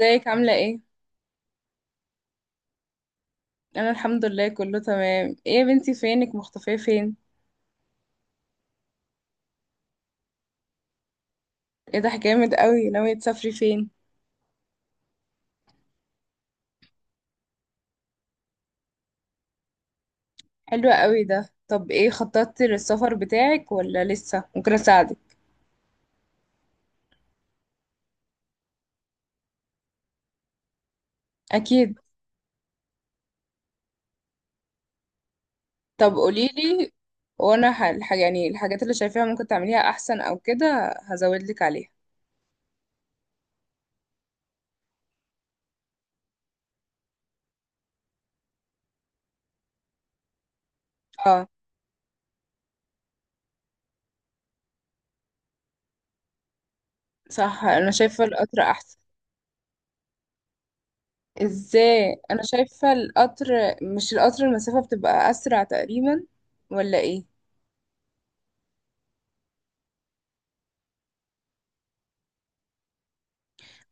ازيك عاملة ايه؟ انا الحمد لله كله تمام. ايه يا بنتي فينك مختفية فين؟ ايه ده جامد قوي، ناوية تسافري فين؟ حلوة قوي ده طب ايه خططتي للسفر بتاعك ولا لسه؟ ممكن اساعدك. اكيد. طب قوليلي. وانا يعني الحاجات اللي شايفاها ممكن تعمليها احسن او كده هزودلك عليها. اه، صح، انا شايفة القطر احسن. ازاي؟ انا شايفة القطر. مش القطر المسافة بتبقى اسرع تقريبا؟ ولا ايه؟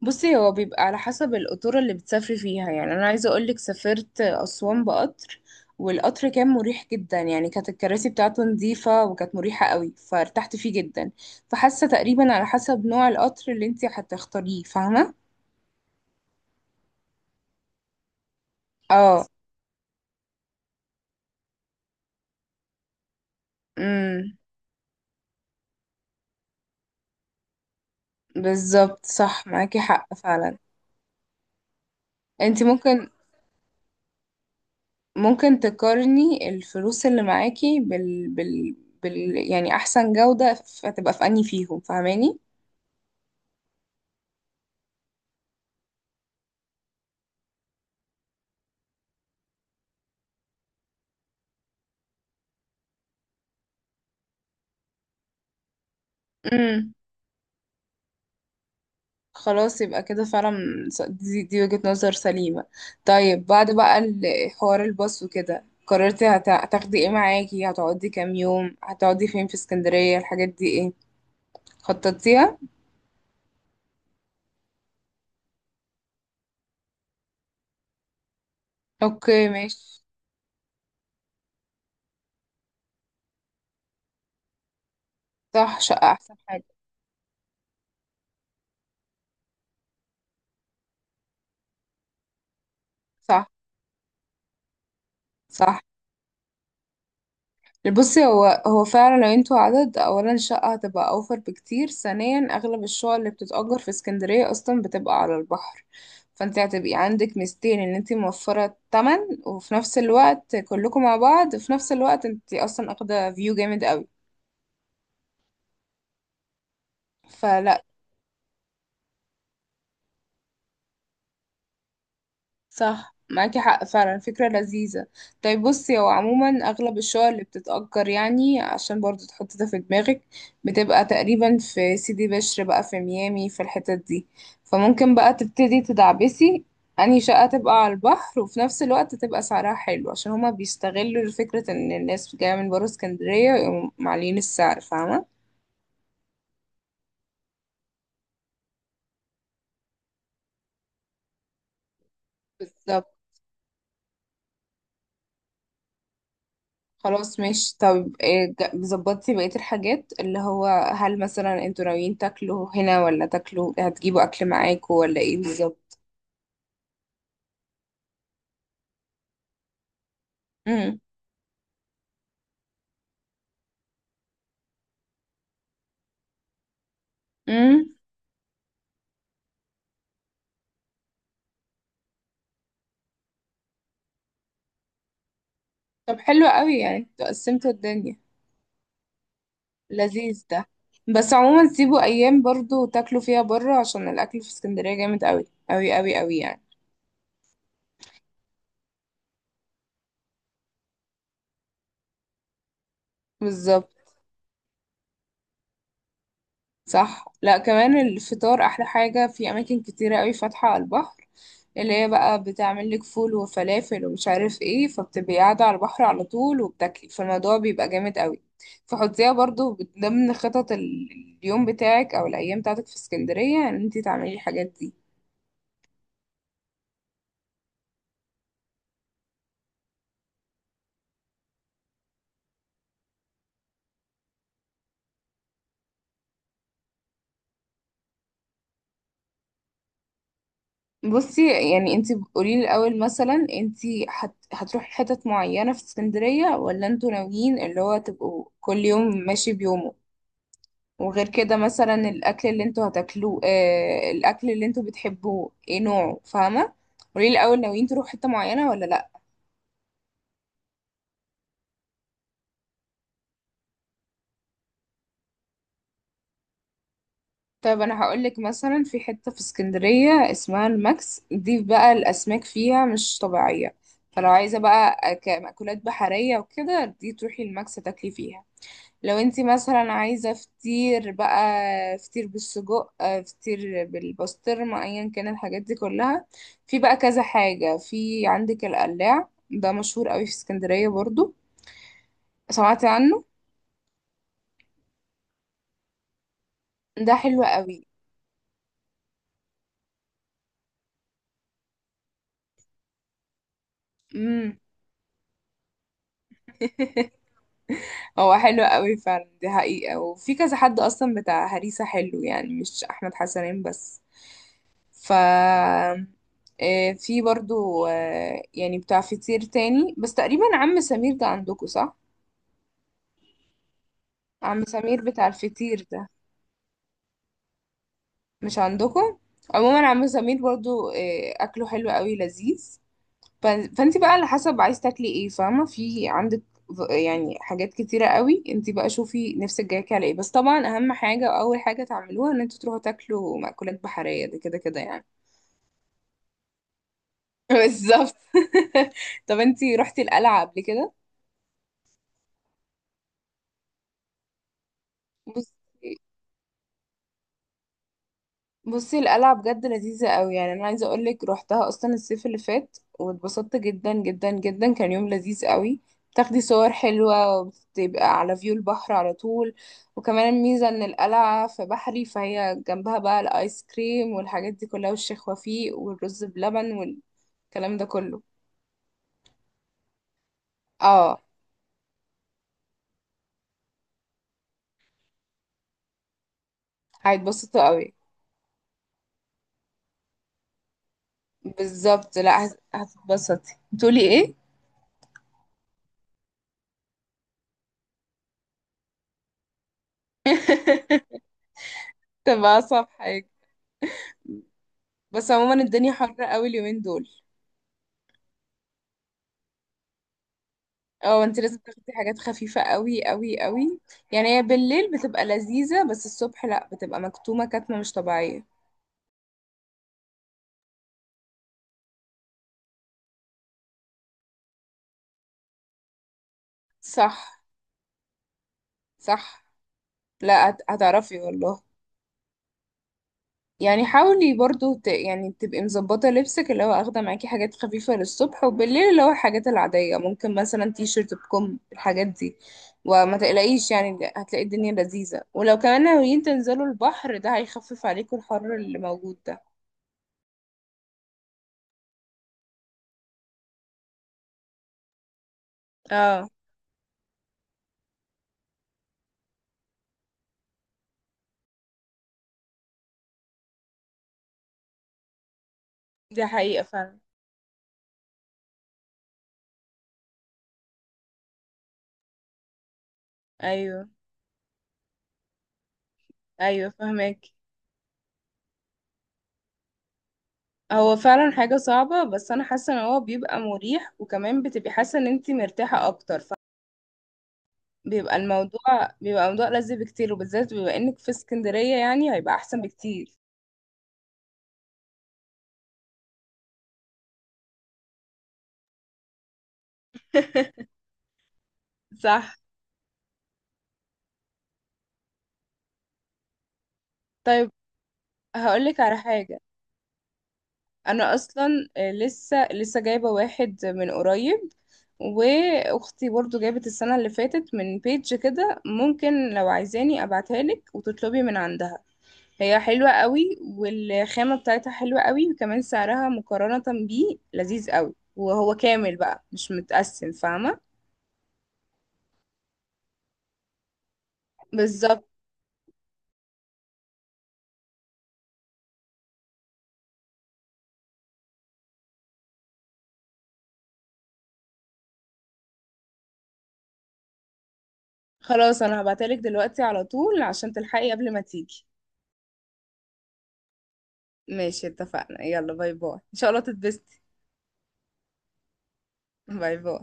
بصي، هو بيبقى على حسب القطورة اللي بتسافري فيها. يعني أنا عايزة أقولك سافرت أسوان بقطر، والقطر كان مريح جدا، يعني كانت الكراسي بتاعته نظيفة وكانت مريحة قوي فارتحت فيه جدا. فحاسة تقريبا على حسب نوع القطر اللي انتي هتختاريه، فاهمة؟ اه. امم بالظبط، صح، معاكي حق فعلا. انتي ممكن، ممكن تقارني الفلوس اللي معاكي بال بال، يعني أحسن جودة فتبقى في أنهي فيهم، فاهماني؟ امم خلاص، يبقى كده فعلا. دي وجهة نظر سليمة. طيب، بعد بقى حوار الباص وكده، قررتي هتاخدي ايه معاكي، هتقعدي كام يوم، هتقعدي فين في اسكندرية، الحاجات دي ايه خططتيها؟ اوكي ماشي. صح، شقة احسن حاجة. صح. صح، بصي هو فعلا لو انتوا عدد، اولا الشقة هتبقى اوفر بكتير، ثانيا اغلب الشقق اللي بتتأجر في اسكندرية اصلا بتبقى على البحر، فانت هتبقي عندك ميزتين، ان انت موفرة التمن وفي نفس الوقت كلكم مع بعض، في نفس الوقت انت اصلا اخدة فيو جامد قوي. فلا، صح، معاكي حق فعلا، فكرة لذيذة. طيب بصي، هو عموما أغلب الشقق اللي بتتأجر، يعني عشان برضو تحطي ده في دماغك، بتبقى تقريبا في سيدي بشر بقى، في ميامي، في الحتت دي. فممكن بقى تبتدي تدعبسي أنهي شقة تبقى على البحر وفي نفس الوقت تبقى سعرها حلو، عشان هما بيستغلوا فكرة إن الناس جاية من برا اسكندرية ويقوموا معلين السعر، فاهمة؟ بالظبط. خلاص ماشي. طب ظبطتي بقية الحاجات اللي هو، هل مثلا انتوا ناويين تاكلوا هنا ولا تاكلوا هتجيبوا اكل معاكوا ولا ايه بالظبط؟ امم امم. طب حلو قوي، يعني قسمتوا الدنيا. لذيذ ده. بس عموما سيبوا ايام برضو تاكلوا فيها بره، عشان الاكل في اسكندرية جامد قوي قوي قوي قوي يعني. بالظبط. صح، لا كمان الفطار احلى حاجة، في اماكن كتيرة قوي فاتحة على البحر، اللي هي بقى بتعمل لك فول وفلافل ومش عارف ايه، فبتبقي قاعدة على البحر على طول وبتاكلي، فالموضوع بيبقى جامد قوي. فحطيها برضو ضمن خطط اليوم بتاعك او الايام بتاعتك في اسكندرية ان انتي تعملي الحاجات دي. بصي، يعني انتي قولي لي الاول، مثلا انتي هتروحي حتت معينة في اسكندرية، ولا انتوا ناويين اللي هو تبقوا كل يوم ماشي بيومه؟ وغير كده، مثلا الاكل اللي انتوا هتاكلوه، آه، الاكل اللي انتوا بتحبوه ايه نوعه، فاهمه. قولي لي الاول، ناويين تروحوا حته معينه ولا لا. طيب، انا هقول لك مثلا في حته في اسكندريه اسمها الماكس، دي بقى الاسماك فيها مش طبيعيه. فلو عايزه بقى مأكولات بحريه وكده، دي تروحي الماكس تاكلي فيها. لو انتي مثلا عايزة فطير بقى، فطير بالسجق، فطير بالبسطرمة، ايا كان الحاجات دي كلها. في بقى كذا حاجة، في عندك القلاع ده، مشهور قوي في اسكندرية برضو، سمعتي عنه؟ ده حلو قوي. امم هو حلو قوي فعلا، دي حقيقة. وفي كذا حد اصلا بتاع هريسة حلو، يعني مش احمد حسنين بس. ف في برضو، يعني بتاع فطير تاني، بس تقريبا عم سمير ده عندكم صح؟ عم سمير بتاع الفطير ده، مش عندكم؟ عموما عم سمير برضو اكله حلو قوي لذيذ. فانت بقى على حسب عايز تاكلي ايه، فاهمه. في عندك يعني حاجات كتيره قوي، انت بقى شوفي نفسك جايك على ايه. بس طبعا اهم حاجه واول حاجه تعملوها ان انتوا تروحوا تاكلوا مأكولات بحريه، ده كده كده يعني. بالظبط. طب انت رحتي القلعه قبل كده؟ بصي القلعة بجد لذيذة قوي، يعني انا عايزة اقولك روحتها اصلا الصيف اللي فات واتبسطت جدا جدا جدا، كان يوم لذيذ قوي. بتاخدي صور حلوة وبتبقى على فيو البحر على طول. وكمان الميزة ان القلعة في بحري، فهي جنبها بقى الايس كريم والحاجات دي كلها، والشيخ وفيق والرز بلبن والكلام ده كله. اه. هيتبسطوا قوي. بالظبط، لا هتتبسطي، بتقولي ايه؟ تبقى اصعب حاجة. بس عموما الدنيا حر قوي اليومين دول. اه، انت لازم تاخدي حاجات خفيفة قوي قوي قوي، يعني هي بالليل بتبقى لذيذة، بس الصبح لا، بتبقى مكتومة كتمة مش طبيعية. صح. صح، لا هتعرفي والله. يعني حاولي برضو يعني تبقي مظبطة لبسك، اللي هو اخدة معاكي حاجات خفيفة للصبح، وبالليل اللي هو الحاجات العادية، ممكن مثلا تي شيرت بكم، الحاجات دي. وما تقلقيش، يعني هتلاقي الدنيا لذيذة، ولو كمان ناويين تنزلوا البحر ده هيخفف عليكم الحر اللي موجود ده. اه. دي حقيقة فعلا. ايوه. ايوه فهمك. هو فعلا حاجة صعبة، بس انا حاسة ان هو بيبقى مريح، وكمان بتبقي حاسة ان انت مرتاحة اكتر. فبيبقى الموضوع، بيبقى موضوع لذيذ بكتير، وبالذات بما انك في اسكندرية يعني هيبقى احسن بكتير. صح. طيب هقولك على حاجة. انا اصلا لسه جايبة واحد من قريب، واختي برضو جابت السنة اللي فاتت من بيج كده، ممكن لو عايزاني ابعتها لك وتطلبي من عندها. هي حلوة قوي، والخامة بتاعتها حلوة قوي، وكمان سعرها مقارنة بيه لذيذ قوي، وهو كامل بقى مش متقسم، فاهمة. بالظبط. خلاص انا هبعتلك دلوقتي على طول عشان تلحقي قبل ما تيجي. ماشي اتفقنا، يلا باي باي، ان شاء الله تتبسطي. باي باي.